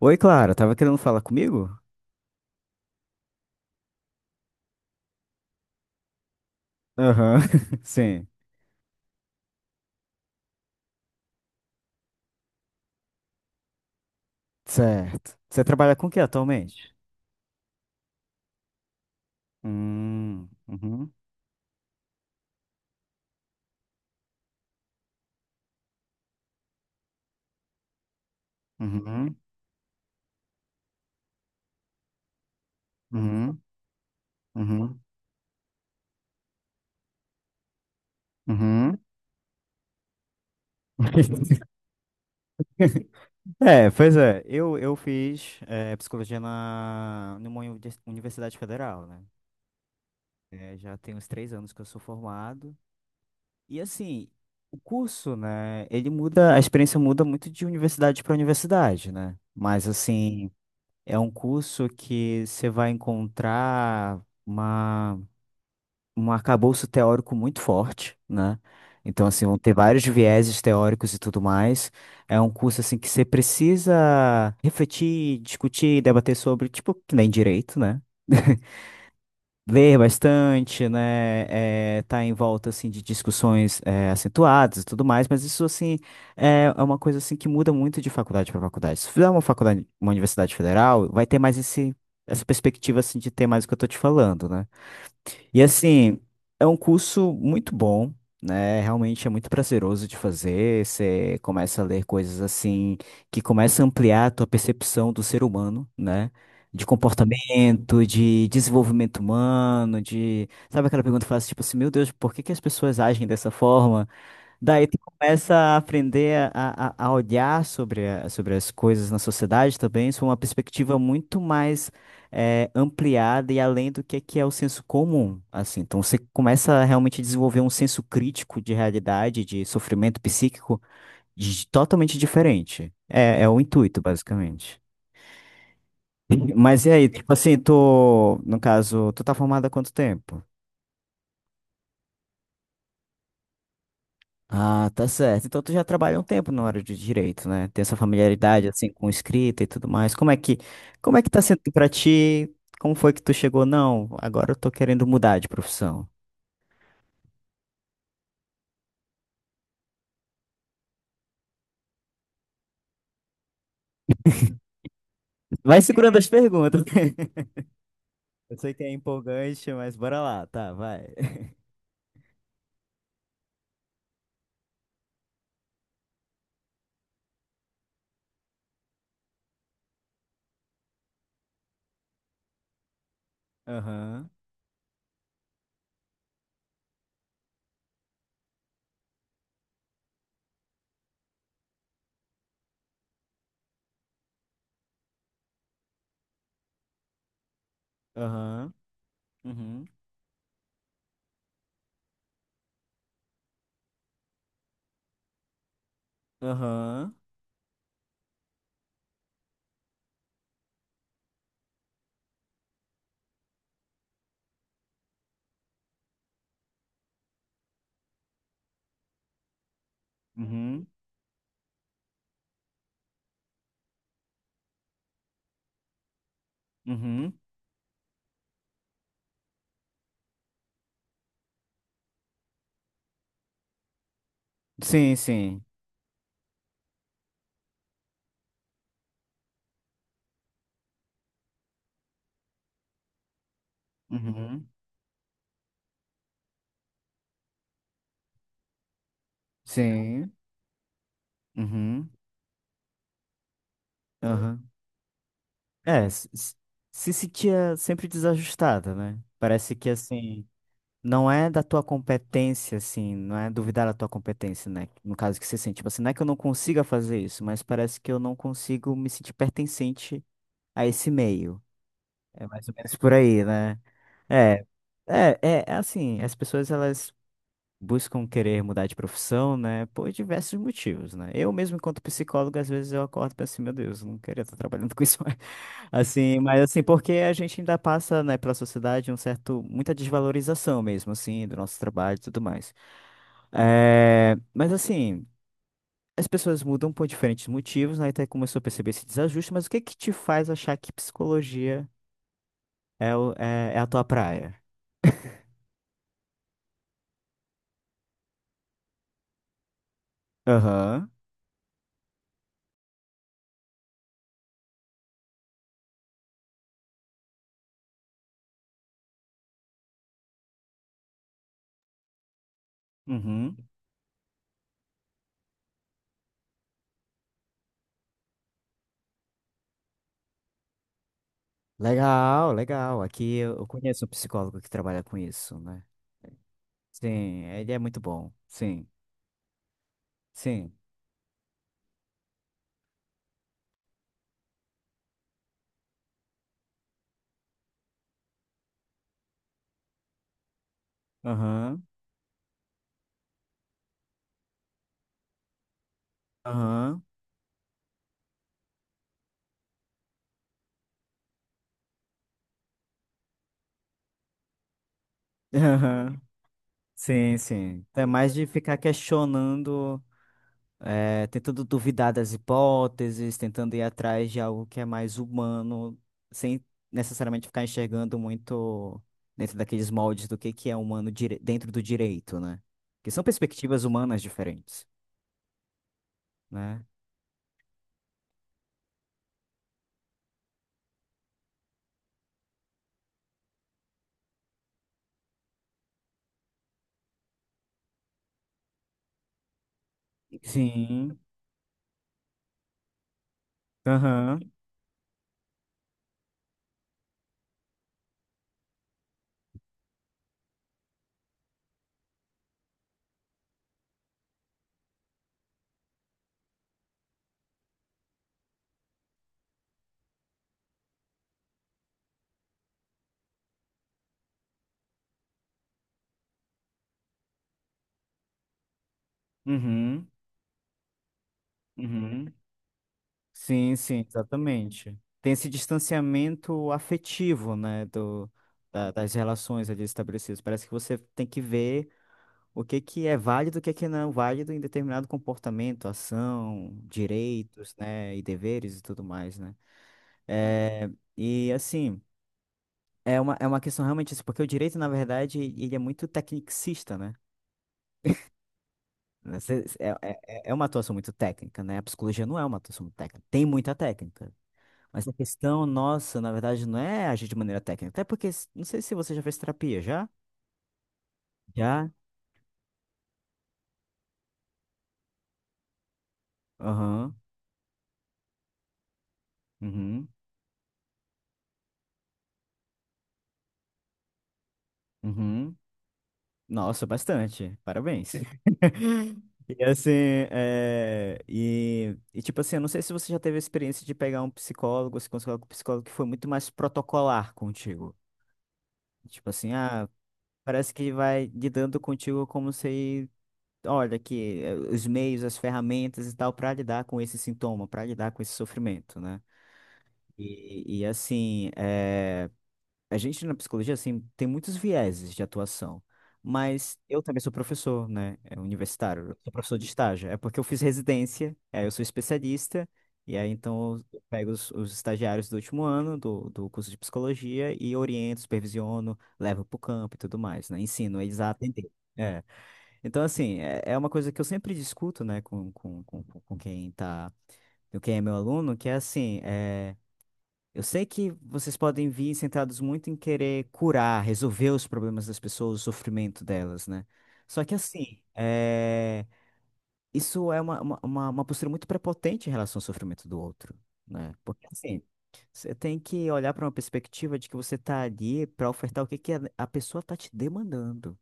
Oi, Clara, tava querendo falar comigo? Aham, sim. Certo. Você trabalha com o que atualmente? Uhum, uhum, uhum, uhum, uhum. É, pois é, eu fiz psicologia numa universidade federal, né? Já tem uns 3 anos que eu sou formado. E assim, o curso, né, ele muda, a experiência muda muito de universidade para universidade, né? Mas assim. É um curso que você vai encontrar um arcabouço teórico muito forte, né? Então, assim, vão ter vários vieses teóricos e tudo mais. É um curso, assim, que você precisa refletir, discutir, debater sobre, tipo, que nem direito, né? Ler bastante, né? É, tá em volta assim de discussões acentuadas e tudo mais, mas isso assim é uma coisa assim que muda muito de faculdade para faculdade. Se fizer uma faculdade, uma universidade federal, vai ter mais esse essa perspectiva assim de ter mais o que eu tô te falando, né? E assim, é um curso muito bom, né? Realmente é muito prazeroso de fazer. Você começa a ler coisas assim que começa a ampliar a tua percepção do ser humano, né? De comportamento, de desenvolvimento humano, de... Sabe aquela pergunta que faz, tipo assim, meu Deus, por que que as pessoas agem dessa forma? Daí tu começa a aprender a olhar sobre, sobre as coisas na sociedade também, sob uma perspectiva muito mais ampliada e além do que é o senso comum, assim. Então você começa a realmente desenvolver um senso crítico de realidade, de sofrimento psíquico totalmente diferente. É, é o intuito, basicamente. Mas e aí, tipo assim, tu, no caso, tu tá formada há quanto tempo? Ah, tá certo. Então tu já trabalha um tempo na área de direito, né? Tem essa familiaridade assim com escrita e tudo mais. Como é que tá sendo pra ti? Como foi que tu chegou? Não, agora eu tô querendo mudar de profissão. Vai segurando as perguntas. Eu sei que é empolgante, mas bora lá, tá, vai. Aham. Aham. Uhum. Aham. Uhum. Uhum. Sim, sim. Uhum. Sim. Uhum. Aham. É, se sentia sempre desajustada, né? Parece que assim, não é da tua competência, assim, não é duvidar da tua competência, né? No caso que você sente, tipo assim, não é que eu não consiga fazer isso, mas parece que eu não consigo me sentir pertencente a esse meio. É mais ou menos por aí, né? É, é assim, as pessoas elas buscam querer mudar de profissão, né, por diversos motivos, né? Eu mesmo, enquanto psicólogo, às vezes eu acordo e penso assim, meu Deus, eu não queria estar trabalhando com isso, mais." assim, mas assim, porque a gente ainda passa, né, pela sociedade um certo, muita desvalorização mesmo, assim, do nosso trabalho e tudo mais. É, mas assim, as pessoas mudam por diferentes motivos, né, até começou a perceber esse desajuste, mas o que que te faz achar que psicologia é a tua praia? Aham. Uhum. Legal, legal. Aqui eu conheço um psicólogo que trabalha com isso, né? Sim, ele é muito bom. Sim, sim. Aham, aham, aham. Sim, sim. Então, é mais de ficar questionando, tentando duvidar das hipóteses, tentando ir atrás de algo que é mais humano, sem necessariamente ficar enxergando muito dentro daqueles moldes do que é humano dentro do direito, né? Que são perspectivas humanas diferentes, né? Sim. Aham. Uhum, uhum. Sim, sim, exatamente. Tem esse distanciamento afetivo, né, das relações ali estabelecidas. Parece que você tem que ver o que que é válido, o que que não é válido em determinado comportamento, ação, direitos, né, e deveres e tudo mais, né? É, e assim, é uma questão realmente isso, porque o direito, na verdade, ele é muito tecnicista, né? Você- É, é uma atuação muito técnica, né? A psicologia não é uma atuação muito técnica. Tem muita técnica. Mas a questão nossa, na verdade, não é agir de maneira técnica. Até porque, não sei se você já fez terapia, já? Já? Aham. Uhum. Uhum. Nossa, bastante. Parabéns. E assim, é... e tipo assim, eu não sei se você já teve a experiência de pegar um psicólogo, se consultar com um psicólogo que foi muito mais protocolar contigo. Tipo assim, ah, parece que vai lidando contigo como se, olha, aqui, os meios, as ferramentas e tal, para lidar com esse sintoma, para lidar com esse sofrimento, né? Assim, a gente na psicologia assim, tem muitos vieses de atuação, mas eu também sou professor, né? É universitário, eu sou professor de estágio. É porque eu fiz residência, aí eu sou especialista, e aí então eu pego os estagiários do último ano do curso de psicologia e oriento, supervisiono, levo para o campo e tudo mais, né? Ensino eles a atender. É. Então, assim, é, é uma coisa que eu sempre discuto, né, com quem tá, com quem é meu aluno, que é assim. É eu sei que vocês podem vir centrados muito em querer curar, resolver os problemas das pessoas, o sofrimento delas, né? Só que assim, é, isso é uma postura muito prepotente em relação ao sofrimento do outro, né? Porque assim, você tem que olhar para uma perspectiva de que você tá ali para ofertar o que que a pessoa tá te demandando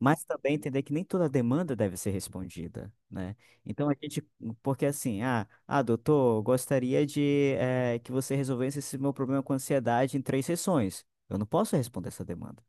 mas também entender que nem toda demanda deve ser respondida, né? Então a gente, porque assim, ah, ah, doutor, eu gostaria de que você resolvesse esse meu problema com ansiedade em 3 sessões. Eu não posso responder essa demanda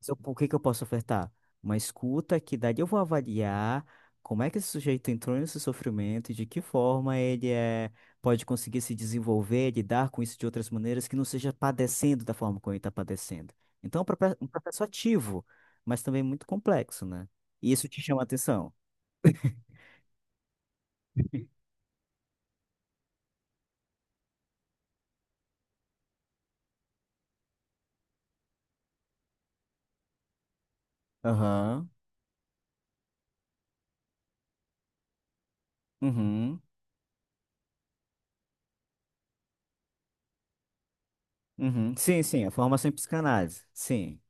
se o que que eu posso ofertar? Uma escuta que daí eu vou avaliar como é que esse sujeito entrou nesse sofrimento e de que forma ele é, pode conseguir se desenvolver, lidar com isso de outras maneiras que não seja padecendo da forma como ele está padecendo. Então, é um processo ativo, mas também muito complexo, né? E isso te chama a atenção. Aham. Uhum. Uhum. Sim, sim, a formação em psicanálise. Sim.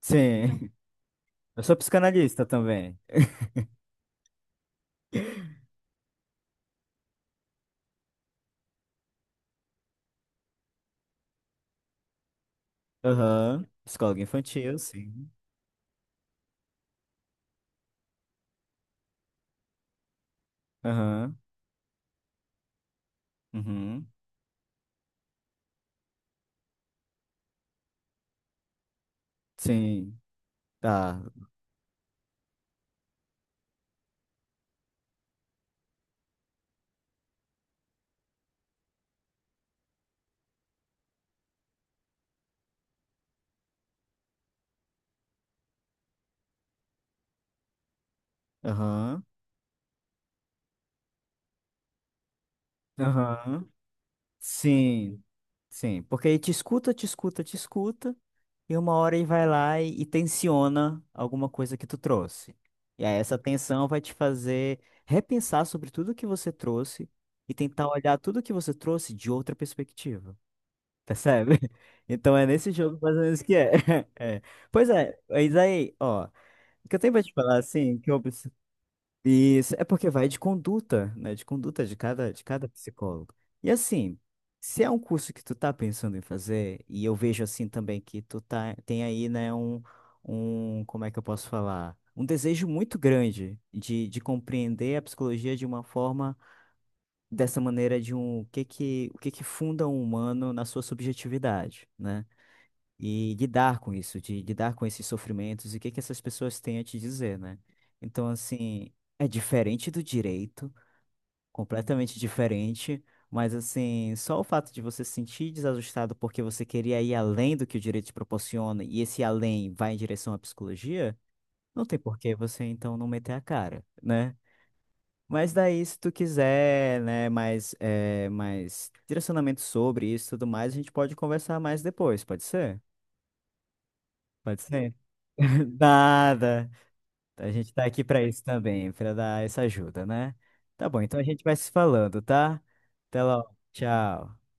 Sim. Eu sou psicanalista também. Aham. Psicólogo infantil, sim. Aham. Uhum. Sim, tá. Aham. Aham. Sim, sim. Porque ele te escuta, te escuta, te escuta, e uma hora ele vai lá e tensiona alguma coisa que tu trouxe. E aí essa tensão vai te fazer repensar sobre tudo que você trouxe e tentar olhar tudo que você trouxe de outra perspectiva. Percebe? Então é nesse jogo mais ou menos que é. É. Pois é, mas aí, ó, o que eu tenho pra te falar, assim, que eu, isso, é porque vai de conduta, né? De conduta de cada psicólogo. E assim, se é um curso que tu tá pensando em fazer, e eu vejo assim também que tu tá, tem aí, né, como é que eu posso falar? Um desejo muito grande de compreender a psicologia de uma forma, dessa maneira de um, o que que funda um humano na sua subjetividade, né? E lidar com isso, de lidar com esses sofrimentos e o que que essas pessoas têm a te dizer, né? Então, assim, é diferente do direito, completamente diferente, mas assim, só o fato de você se sentir desajustado porque você queria ir além do que o direito te proporciona e esse além vai em direção à psicologia, não tem por que você então não meter a cara, né? Mas daí, se tu quiser, né, mais, mais direcionamento sobre isso e tudo mais, a gente pode conversar mais depois, pode ser? Pode ser? Nada. A gente tá aqui pra isso também, pra dar essa ajuda, né? Tá bom, então a gente vai se falando, tá? Até logo. Tchau.